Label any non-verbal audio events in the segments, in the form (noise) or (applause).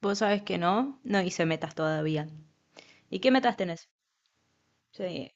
Vos sabés que no hice metas todavía. ¿Y qué metas tenés? Sí.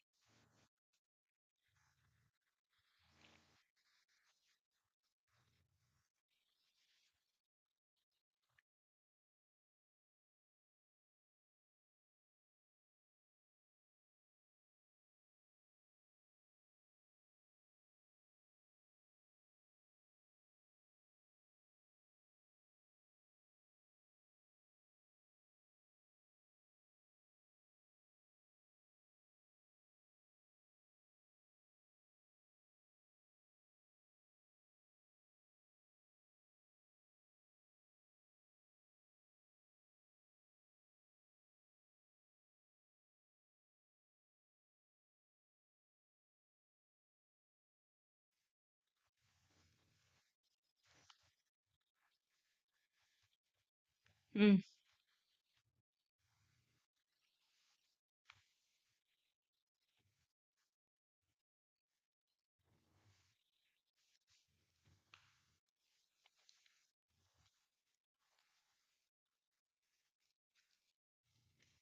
Mm,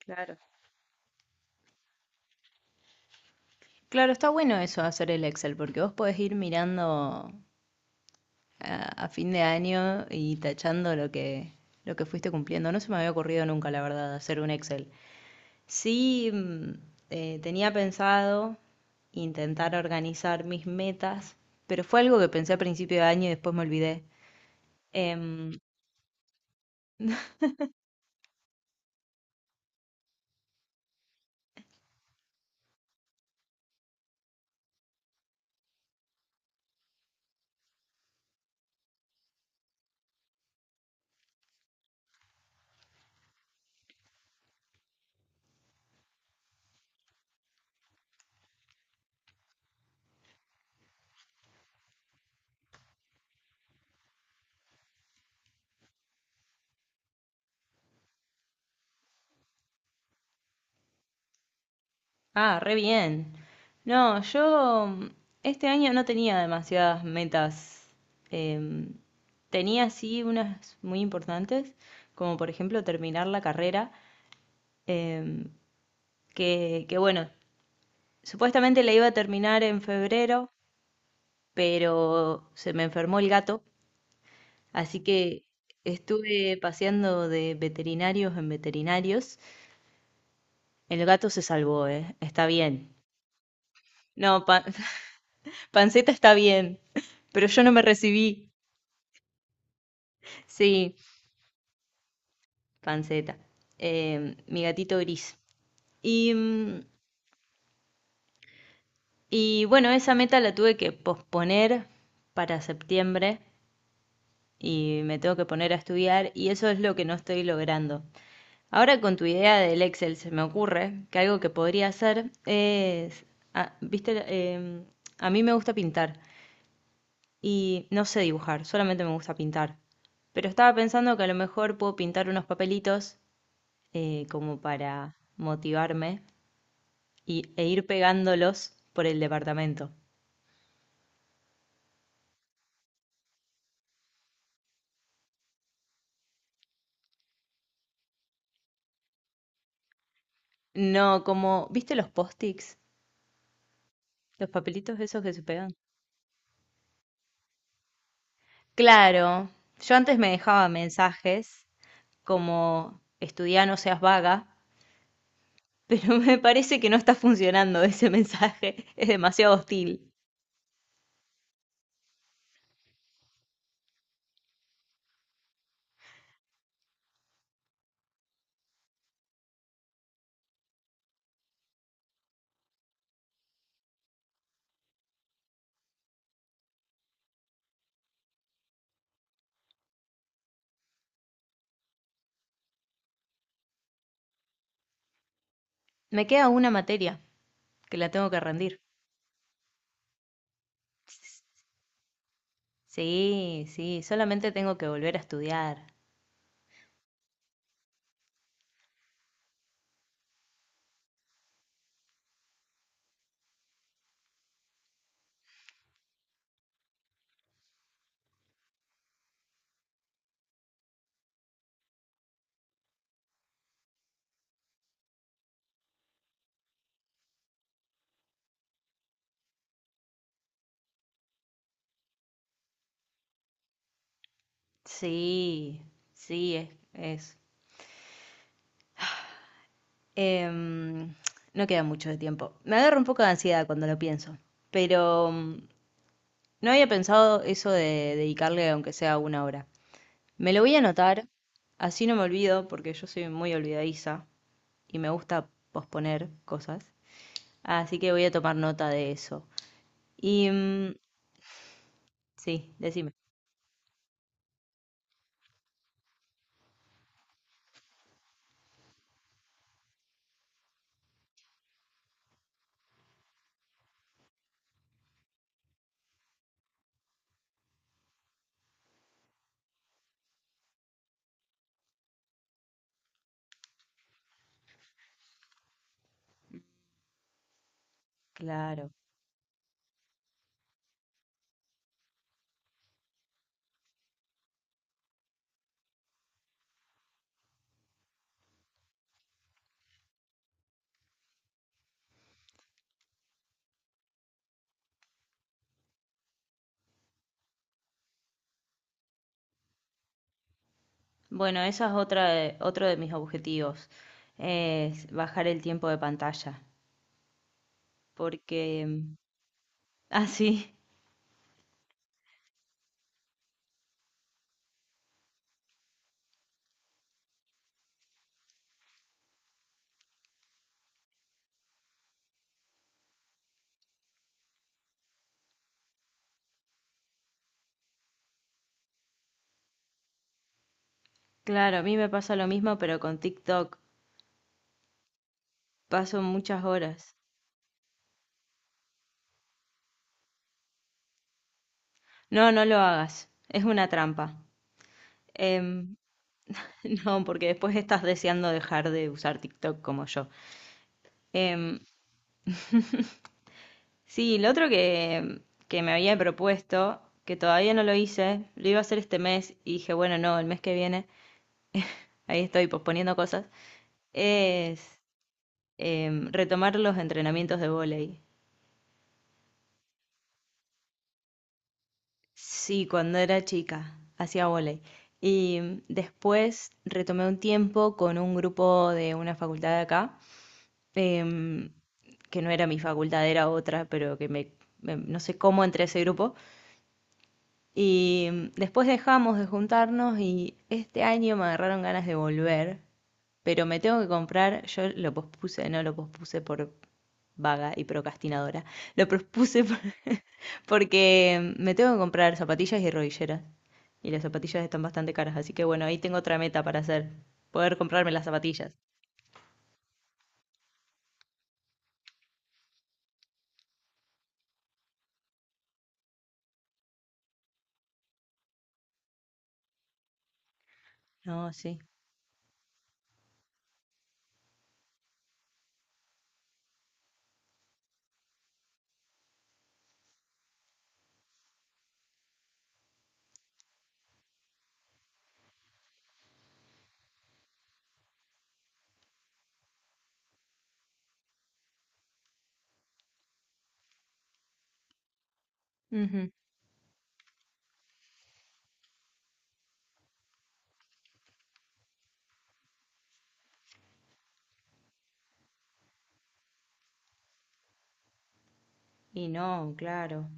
claro. Claro, está bueno eso de hacer el Excel, porque vos podés ir mirando a fin de año y tachando lo que fuiste cumpliendo. No se me había ocurrido nunca, la verdad, hacer un Excel. Sí, tenía pensado intentar organizar mis metas, pero fue algo que pensé a principio de año y después me olvidé. Em, Ah, re bien. No, yo este año no tenía demasiadas metas. Em, tenía sí unas muy importantes, como por ejemplo terminar la carrera, em, que bueno, supuestamente la iba a terminar en febrero, pero se me enfermó el gato, así que estuve paseando de veterinarios en veterinarios. El gato se salvó, está bien. No, pa- (laughs) Panceta está bien, (laughs) pero yo no me recibí. Sí, panceta. Mi gatito gris. Y, mm, y bueno, esa meta la tuve que posponer para septiembre y me tengo que poner a estudiar y eso es lo que no estoy logrando. Ahora con tu idea del Excel se me ocurre que algo que podría hacer es, ah, viste, a mí me gusta pintar y no sé dibujar, solamente me gusta pintar. Pero estaba pensando que a lo mejor puedo pintar unos papelitos como para motivarme e ir pegándolos por el departamento. No, como, ¿viste los post-its? Los papelitos esos que se pegan. Claro, yo antes me dejaba mensajes como estudiá, no seas vaga, pero (laughs) me parece que no está funcionando ese mensaje, (laughs) es demasiado hostil. Me queda una materia que la tengo que rendir. Sí, solamente tengo que volver a estudiar. Sí, sí, es Em, no queda mucho de tiempo. Me agarra un poco de ansiedad cuando lo pienso, pero no había pensado eso de dedicarle aunque sea una hora. Me lo voy a anotar, así no me olvido, porque yo soy muy olvidadiza y me gusta posponer cosas. Así que voy a tomar nota de eso. Y mm, sí, decime. Claro. Bueno, esa es otro de mis objetivos, es bajar el tiempo de pantalla, porque (laughs) así Claro, a mí me pasa lo mismo, pero con TikTok. Paso muchas horas. No, no lo hagas. Es una trampa. Em, (laughs) no, porque después estás deseando dejar de usar TikTok como yo. Em, sí, que me había propuesto, que todavía no lo hice, lo iba a hacer este mes y dije, bueno, no, el mes que viene, ahí estoy posponiendo cosas, es retomar los entrenamientos de vóley. Sí, cuando era chica, hacía vóley. Después retomé un tiempo con un grupo de una facultad de acá, em, que no era mi facultad, era otra, pero no sé cómo entré a ese grupo. Después dejamos de juntarnos y este año me agarraron ganas de volver, pero me tengo que comprar, yo lo pospuse, no lo pospuse por vaga y procrastinadora, lo pospuse por- (laughs) porque me tengo que comprar zapatillas y rodilleras. Y las zapatillas están bastante caras, así que bueno, ahí tengo otra meta para hacer, poder comprarme las zapatillas. No, sí. Ujú. Y no, claro.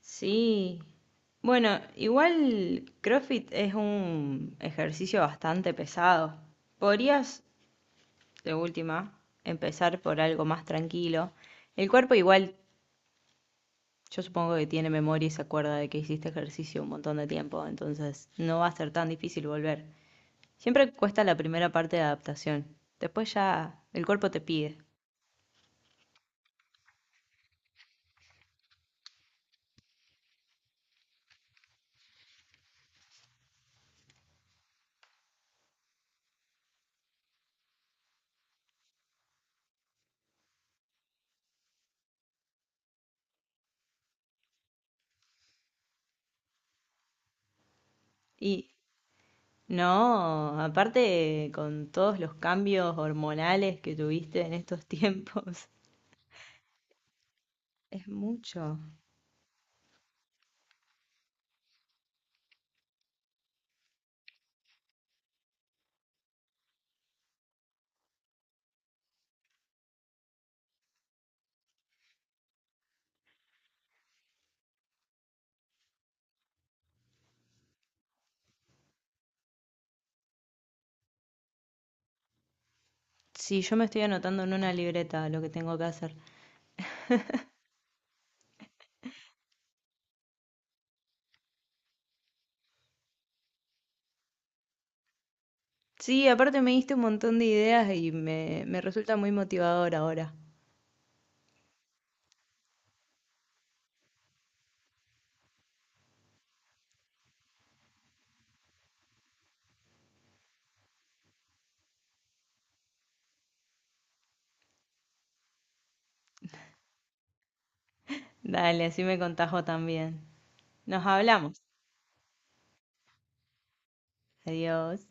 Sí. Bueno, igual CrossFit es un ejercicio bastante pesado. Podrías, de última, empezar por algo más tranquilo. El cuerpo igual, yo supongo que tiene memoria y se acuerda de que hiciste ejercicio un montón de tiempo, entonces no va a ser tan difícil volver. Siempre cuesta la primera parte de adaptación. Después ya el cuerpo te pide. Y no, aparte con todos los cambios hormonales que tuviste en estos (laughs) tiempos. Es mucho. Sí, yo me estoy anotando en una libreta lo que tengo que hacer. Sí, aparte me diste un montón de ideas me resulta muy motivador ahora. Dale, así me contajo también. Nos hablamos. Adiós.